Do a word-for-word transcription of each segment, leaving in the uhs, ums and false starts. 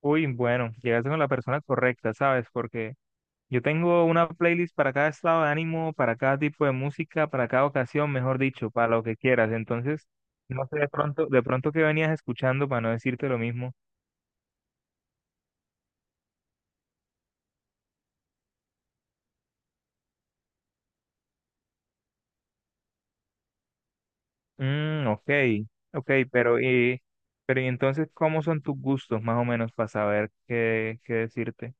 Uy, bueno, llegaste con la persona correcta, ¿sabes? Porque yo tengo una playlist para cada estado de ánimo, para cada tipo de música, para cada ocasión, mejor dicho, para lo que quieras. Entonces, no sé de pronto, de pronto qué venías escuchando para no decirte lo mismo. Mm, ok, ok, pero y, pero y entonces, ¿cómo son tus gustos más o menos para saber qué, qué decirte?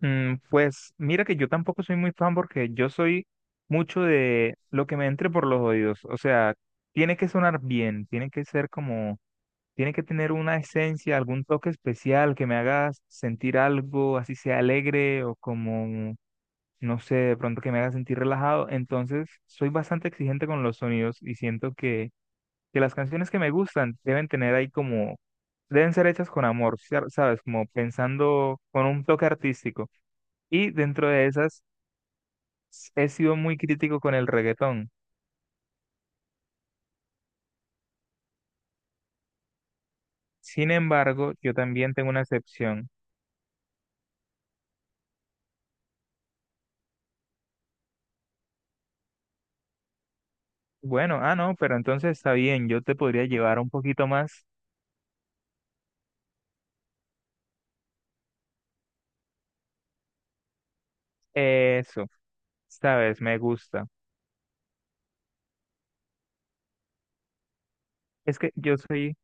Mm, pues mira que yo tampoco soy muy fan porque yo soy mucho de lo que me entre por los oídos. O sea, tiene que sonar bien, tiene que ser como, tiene que tener una esencia, algún toque especial que me haga sentir algo, así sea alegre o como, no sé, de pronto que me haga sentir relajado. Entonces, soy bastante exigente con los sonidos y siento que, que las canciones que me gustan deben tener ahí como, deben ser hechas con amor, ¿sabes? Como pensando con un toque artístico. Y dentro de esas, s- he sido muy crítico con el reggaetón. Sin embargo, yo también tengo una excepción. Bueno, ah, no, pero entonces está bien, yo te podría llevar un poquito más eso, ¿sabes? Me gusta. Es que yo soy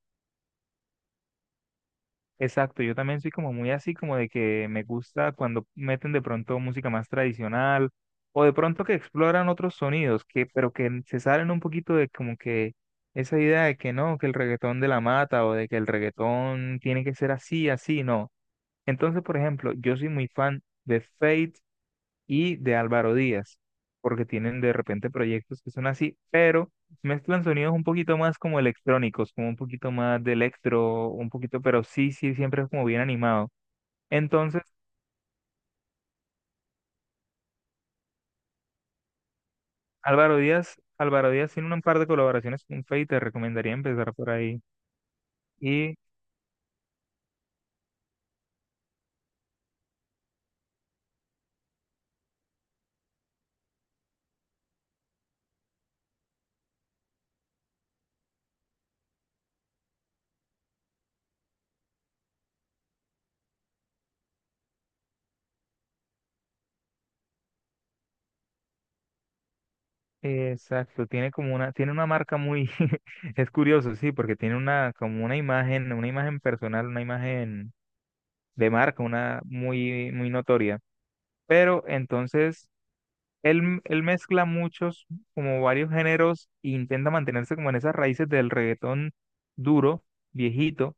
Exacto, yo también soy como muy así, como de que me gusta cuando meten de pronto música más tradicional o de pronto que exploran otros sonidos, que, pero que se salen un poquito de como que esa idea de que no, que el reggaetón de la mata o de que el reggaetón tiene que ser así, así, no. Entonces, por ejemplo, yo soy muy fan de Fate y de Álvaro Díaz, porque tienen de repente proyectos que son así, pero mezclan sonidos un poquito más como electrónicos, como un poquito más de electro, un poquito, pero sí, sí, siempre es como bien animado. Entonces, Álvaro Díaz, Álvaro Díaz tiene un par de colaboraciones con Feid, te recomendaría empezar por ahí. Y eh, exacto, tiene como una, tiene una marca muy, es curioso, sí, porque tiene una, como una imagen, una imagen personal, una imagen de marca, una muy, muy notoria. Pero entonces Él, él mezcla muchos, como varios géneros, e intenta mantenerse como en esas raíces del reggaetón duro, viejito,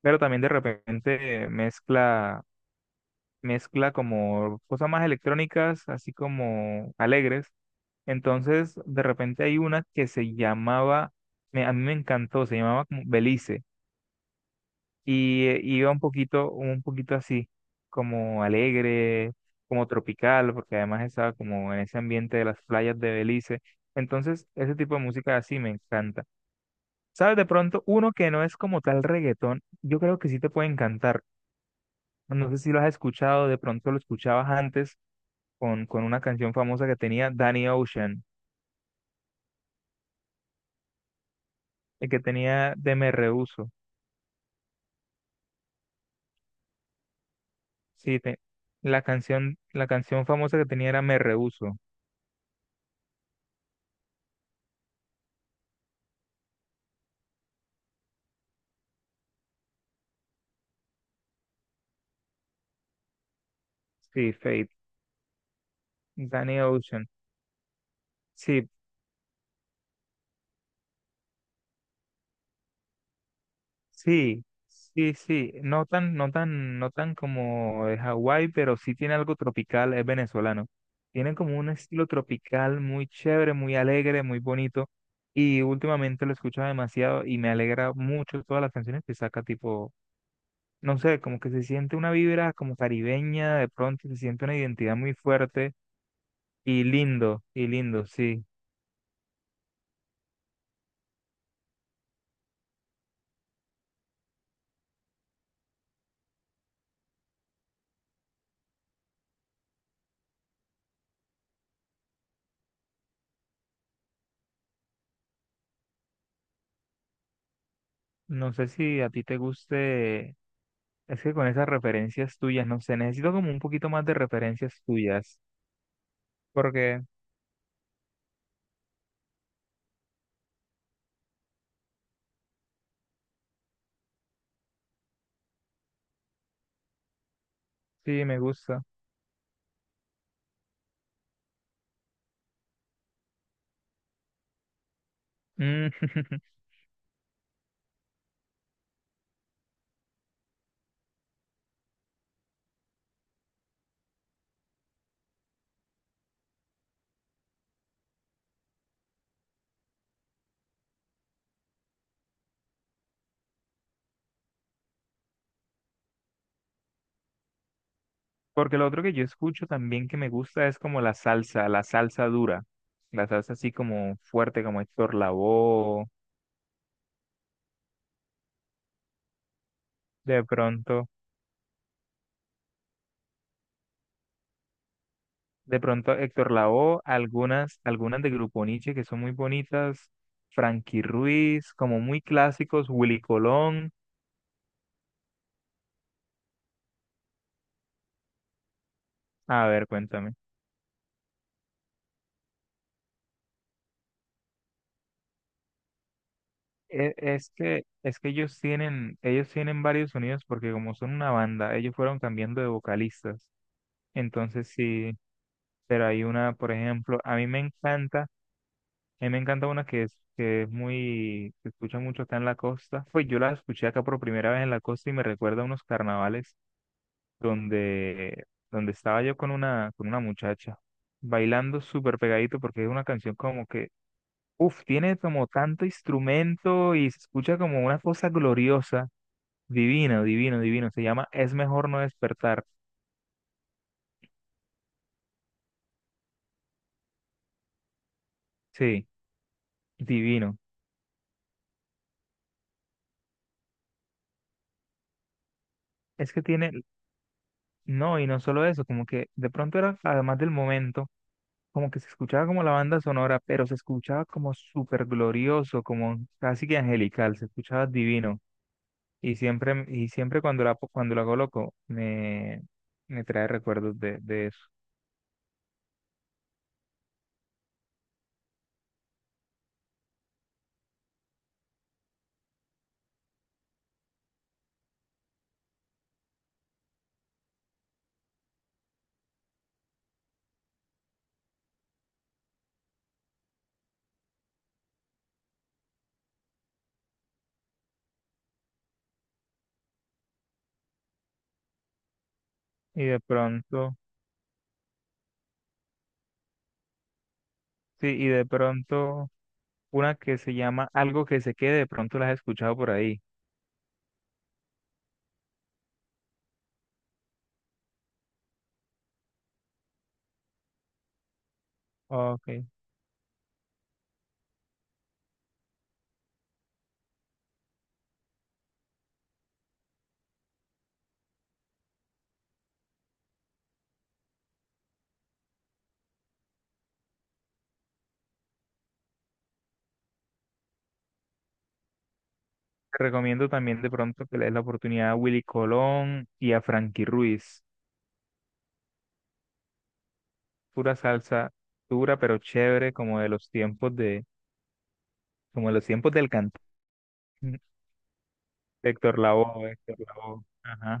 pero también de repente mezcla, mezcla como cosas más electrónicas, así como alegres. Entonces, de repente hay una que se llamaba, me- a mí me encantó, se llamaba como Belice y eh, iba un poquito, un poquito así, como alegre, como tropical, porque además estaba como en ese ambiente de las playas de Belice. Entonces, ese tipo de música así me encanta. ¿Sabes? De pronto, uno que no es como tal reggaetón, yo creo que sí te puede encantar. No sé si lo has escuchado, de pronto lo escuchabas antes con, con una canción famosa que tenía Danny Ocean, el que tenía de Me Rehuso. Sí, te- la canción, la canción famosa que tenía era Me Rehuso. Sí, Fate, Danny Ocean. Sí, sí, sí, sí. No tan, no tan, no tan como de Hawái, pero sí tiene algo tropical, es venezolano. Tiene como un estilo tropical muy chévere, muy alegre, muy bonito. Y últimamente lo he escuchado demasiado y me alegra mucho todas las canciones que saca, tipo, no sé, como que se siente una vibra como caribeña, de pronto se siente una identidad muy fuerte y lindo, y lindo, sí. No sé si a ti te guste. Es que con esas referencias tuyas, no sé, necesito como un poquito más de referencias tuyas, porque sí, me gusta. Mm, Porque lo otro que yo escucho también que me gusta es como la salsa, la salsa dura, la salsa así como fuerte, como Héctor Lavoe, de pronto, de pronto Héctor Lavoe, algunas, algunas de Grupo Niche que son muy bonitas, Frankie Ruiz, como muy clásicos, Willy Colón. A ver, cuéntame. E- Es que, es que ellos tienen, ellos tienen varios sonidos porque como son una banda, ellos fueron cambiando de vocalistas. Entonces sí, pero hay una, por ejemplo, a mí me encanta, a mí me encanta una que es, que es muy, se escucha mucho acá en la costa. Pues yo la escuché acá por primera vez en la costa y me recuerda a unos carnavales donde, donde estaba yo con una, con una muchacha, bailando súper pegadito porque es una canción como que, uff, tiene como tanto instrumento y se escucha como una cosa gloriosa. Divino, divino, divino. Se llama Es mejor no despertar. Sí, divino. Es que tiene, no, y no solo eso, como que de pronto era, además del momento, como que se escuchaba como la banda sonora, pero se escuchaba como súper glorioso, como casi que angelical, se escuchaba divino. Y siempre, y siempre cuando la, cuando la coloco, me, me trae recuerdos de, de eso. Y de pronto, sí, y de pronto, una que se llama Algo que se quede, de pronto la has escuchado por ahí. Ok. Te recomiendo también de pronto que le des la oportunidad a Willy Colón y a Frankie Ruiz. Pura salsa dura pero chévere, como de los tiempos de, como de los tiempos del cantante. Héctor Lavoe, Héctor Lavoe. Ajá.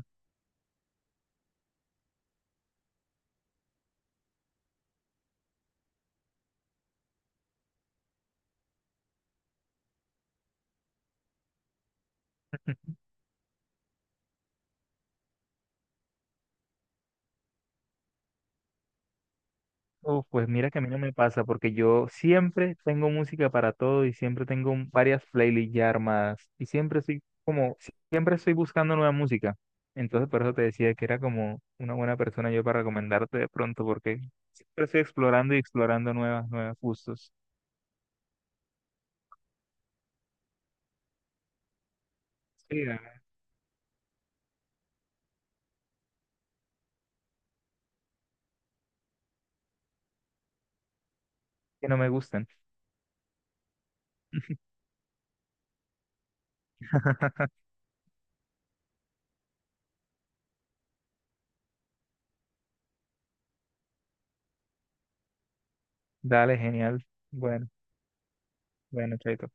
Uf, pues mira que a mí no me pasa porque yo siempre tengo música para todo y siempre tengo un- varias playlists ya armadas y siempre estoy como, siempre estoy buscando nueva música. Entonces por eso te decía que era como una buena persona yo para recomendarte de pronto porque siempre estoy explorando y explorando nuevas, nuevos gustos. Sí, la que no me gustan. Dale, genial. Bueno, bueno, chaito.